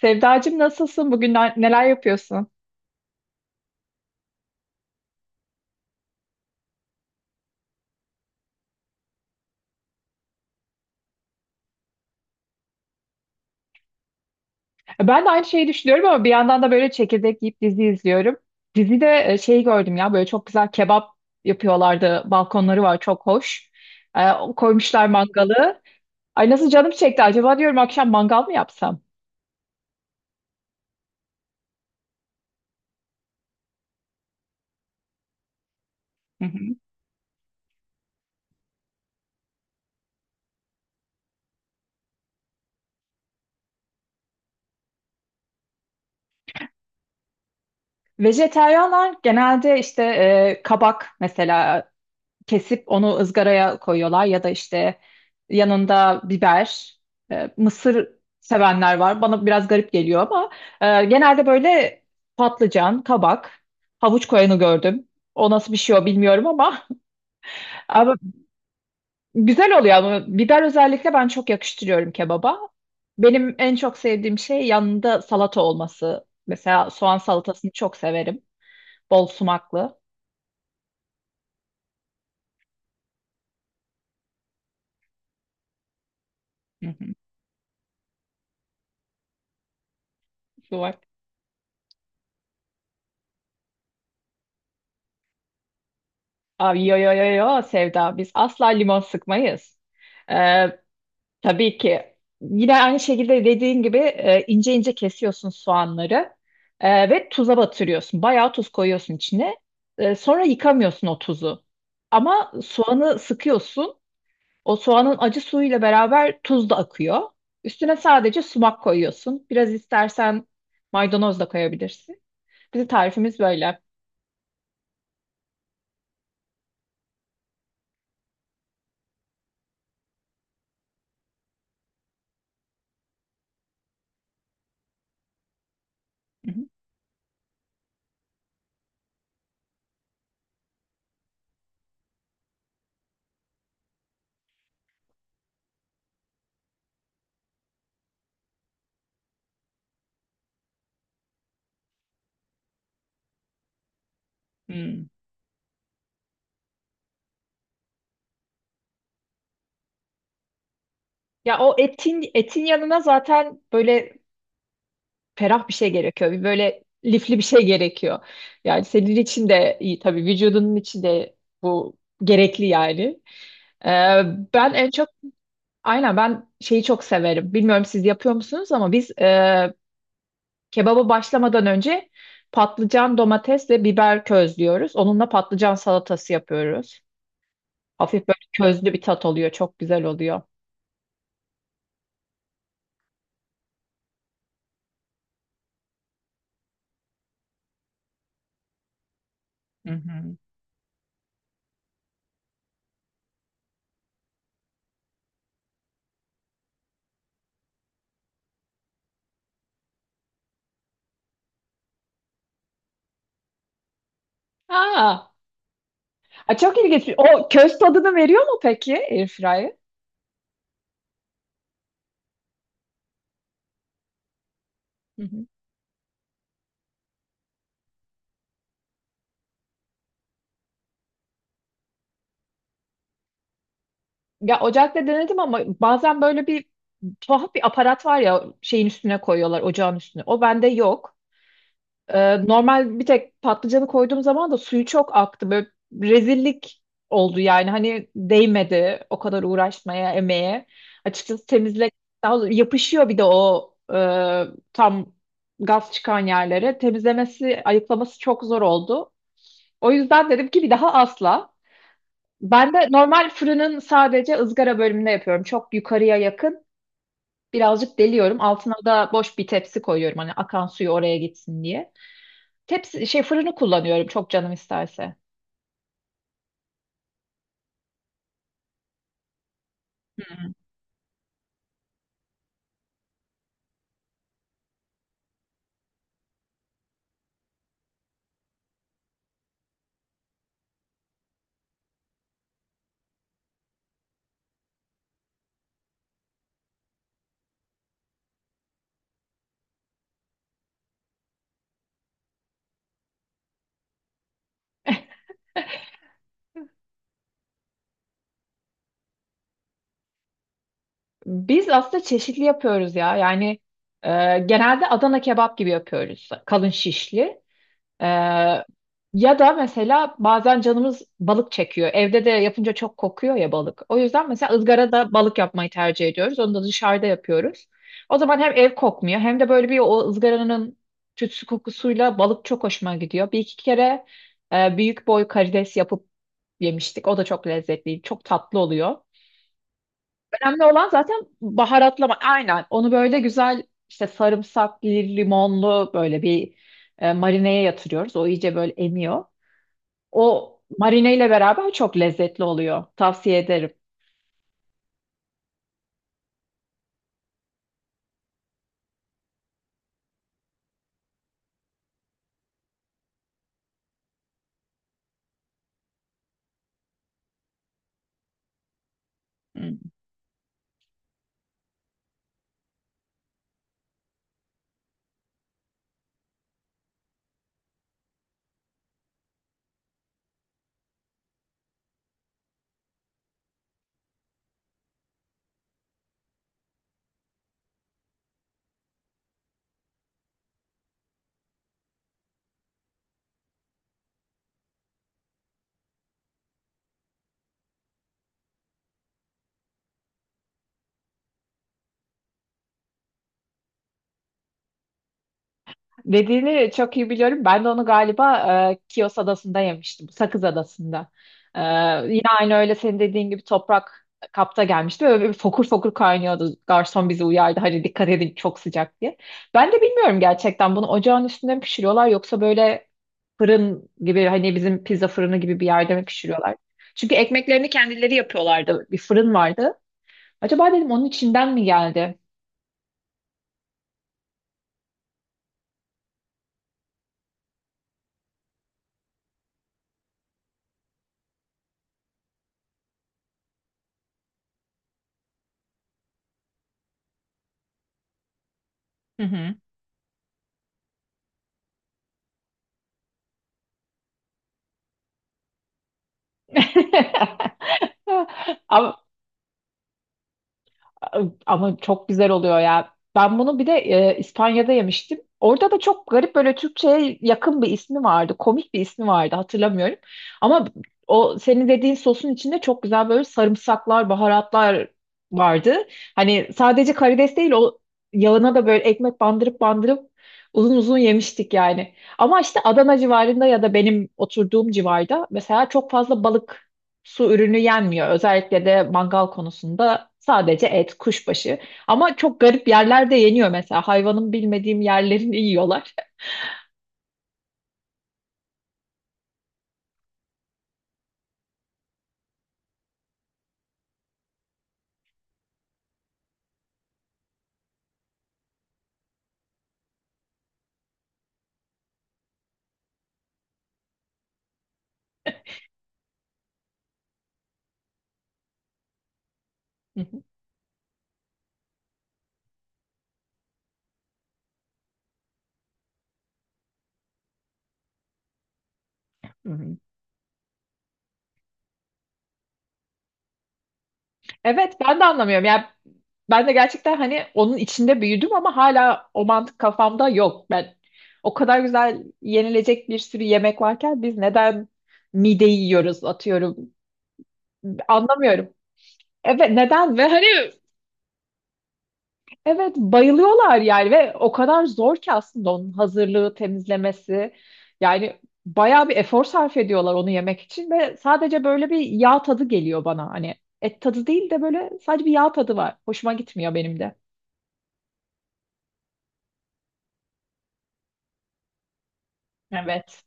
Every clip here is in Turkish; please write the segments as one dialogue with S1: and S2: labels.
S1: Sevdacığım nasılsın? Bugün neler yapıyorsun? Ben de aynı şeyi düşünüyorum ama bir yandan da böyle çekirdek yiyip dizi izliyorum. Dizide şeyi gördüm ya böyle çok güzel kebap yapıyorlardı. Balkonları var, çok hoş. E, Koymuşlar mangalı. Ay nasıl canım çekti, acaba diyorum akşam mangal mı yapsam? Hı hı. Vejeteryanlar genelde işte kabak mesela kesip onu ızgaraya koyuyorlar, ya da işte yanında biber, mısır sevenler var. Bana biraz garip geliyor ama genelde böyle patlıcan, kabak, havuç koyanı gördüm. O nasıl bir şey, o bilmiyorum ama ama güzel oluyor, ama biber özellikle ben çok yakıştırıyorum kebaba. Benim en çok sevdiğim şey yanında salata olması. Mesela soğan salatasını çok severim. Bol sumaklı. Hı hı, sumak. Abi, yo yo yo yo Sevda, biz asla limon sıkmayız. Ee, tabii ki yine aynı şekilde dediğin gibi ince ince kesiyorsun soğanları ve tuza batırıyorsun. Bayağı tuz koyuyorsun içine. Sonra yıkamıyorsun o tuzu. Ama soğanı sıkıyorsun. O soğanın acı suyuyla beraber tuz da akıyor. Üstüne sadece sumak koyuyorsun. Biraz istersen maydanoz da koyabilirsin. Bizim tarifimiz böyle. Hı hı. Hmm. Ya o etin yanına zaten böyle ferah bir şey gerekiyor. Bir böyle lifli bir şey gerekiyor. Yani senin için de iyi tabii, vücudunun için de bu gerekli yani. Ee, Ben en çok aynen, ben şeyi çok severim. Bilmiyorum siz yapıyor musunuz, ama biz kebaba başlamadan önce patlıcan, domates ve biber közlüyoruz. Onunla patlıcan salatası yapıyoruz. Hafif böyle közlü bir tat oluyor. Çok güzel oluyor. Hı hı. Aa, a, çok ilginç. O köz tadını veriyor mu peki airfryer? Hı hı. Ya ocakta denedim ama bazen böyle bir tuhaf bir aparat var ya, şeyin üstüne koyuyorlar, ocağın üstüne. O bende yok. Normal bir tek patlıcanı koyduğum zaman da suyu çok aktı. Böyle rezillik oldu yani. Hani değmedi o kadar uğraşmaya, emeğe. Açıkçası temizle, daha doğrusu yapışıyor bir de o tam gaz çıkan yerlere. Temizlemesi, ayıklaması çok zor oldu. O yüzden dedim ki bir daha asla. Ben de normal fırının sadece ızgara bölümünde yapıyorum. Çok yukarıya yakın. Birazcık deliyorum. Altına da boş bir tepsi koyuyorum. Hani akan suyu oraya gitsin diye. Tepsi şey fırını kullanıyorum çok canım isterse. Biz aslında çeşitli yapıyoruz ya. Yani e, genelde Adana kebap gibi yapıyoruz. Kalın şişli. E, Ya da mesela bazen canımız balık çekiyor. Evde de yapınca çok kokuyor ya balık. O yüzden mesela ızgarada balık yapmayı tercih ediyoruz. Onu da dışarıda yapıyoruz. O zaman hem ev kokmuyor, hem de böyle bir o ızgaranın tütsü kokusuyla balık çok hoşuma gidiyor. Bir iki kere büyük boy karides yapıp yemiştik. O da çok lezzetli, çok tatlı oluyor. Önemli olan zaten baharatlama. Aynen. Onu böyle güzel işte sarımsaklı, limonlu böyle bir marineye yatırıyoruz. O iyice böyle emiyor. O marineyle beraber çok lezzetli oluyor. Tavsiye ederim. Dediğini çok iyi biliyorum. Ben de onu galiba Kios Adası'nda yemiştim. Sakız Adası'nda. E, Yine aynı, öyle senin dediğin gibi toprak kapta gelmişti. Böyle bir fokur fokur kaynıyordu. Garson bizi uyardı. Hani dikkat edin çok sıcak diye. Ben de bilmiyorum gerçekten, bunu ocağın üstünde mi pişiriyorlar, yoksa böyle fırın gibi, hani bizim pizza fırını gibi bir yerde mi pişiriyorlar? Çünkü ekmeklerini kendileri yapıyorlardı. Bir fırın vardı. Acaba dedim onun içinden mi geldi? Hı hı. Ama, ama çok güzel oluyor ya. Ben bunu bir de İspanya'da yemiştim. Orada da çok garip böyle Türkçe'ye yakın bir ismi vardı. Komik bir ismi vardı, hatırlamıyorum. Ama o senin dediğin sosun içinde çok güzel böyle sarımsaklar, baharatlar vardı. Hani sadece karides değil, o yağına da böyle ekmek bandırıp bandırıp uzun uzun yemiştik yani. Ama işte Adana civarında ya da benim oturduğum civarda mesela çok fazla balık, su ürünü yenmiyor. Özellikle de mangal konusunda sadece et, kuşbaşı. Ama çok garip yerlerde yeniyor mesela. Hayvanın bilmediğim yerlerini yiyorlar. Hı hı. Hı hı. Evet, ben de anlamıyorum. Yani ben de gerçekten hani onun içinde büyüdüm ama hala o mantık kafamda yok. Ben o kadar güzel yenilecek bir sürü yemek varken biz neden mideyi yiyoruz atıyorum. Anlamıyorum. Evet, neden ve hani evet bayılıyorlar yani, ve o kadar zor ki aslında onun hazırlığı, temizlemesi. Yani bayağı bir efor sarf ediyorlar onu yemek için ve sadece böyle bir yağ tadı geliyor bana. Hani et tadı değil de böyle sadece bir yağ tadı var. Hoşuma gitmiyor benim de. Evet.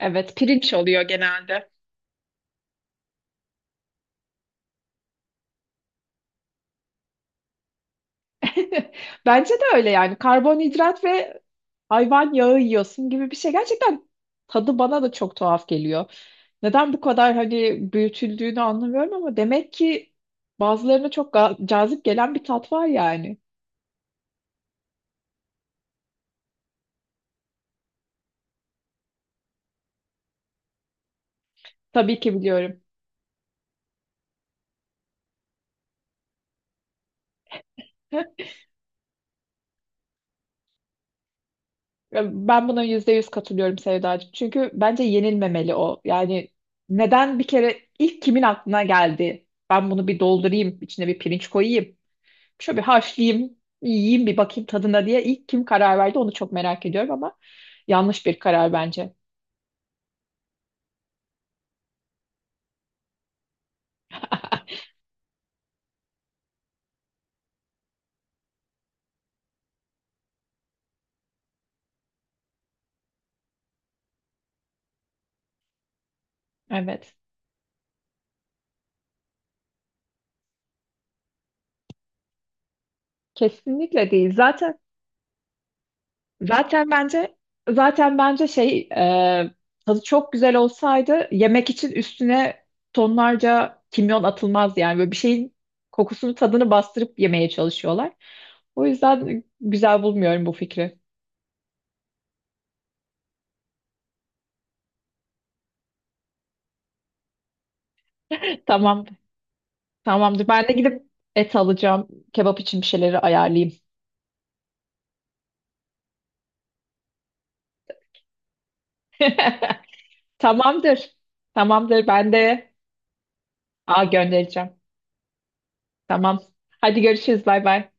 S1: Evet, pirinç oluyor genelde. Bence de öyle, yani karbonhidrat ve hayvan yağı yiyorsun gibi bir şey. Gerçekten tadı bana da çok tuhaf geliyor. Neden bu kadar hani büyütüldüğünü anlamıyorum, ama demek ki bazılarına çok cazip gelen bir tat var yani. Tabii ki biliyorum. Ben buna %100 katılıyorum Sevdacığım. Çünkü bence yenilmemeli o. Yani neden, bir kere ilk kimin aklına geldi? Ben bunu bir doldurayım, içine bir pirinç koyayım. Şöyle bir haşlayayım, yiyeyim bir bakayım tadına diye ilk kim karar verdi, onu çok merak ediyorum ama yanlış bir karar bence. Evet. Kesinlikle değil. Zaten bence zaten bence şey, tadı çok güzel olsaydı yemek için üstüne tonlarca kimyon atılmaz, yani böyle bir şeyin kokusunu, tadını bastırıp yemeye çalışıyorlar. O yüzden güzel bulmuyorum bu fikri. Tamam. Tamamdır. Ben de gidip et alacağım. Kebap için bir şeyleri ayarlayayım. Tamamdır. Tamamdır. Ben de a göndereceğim. Tamam. Hadi görüşürüz. Bay bay.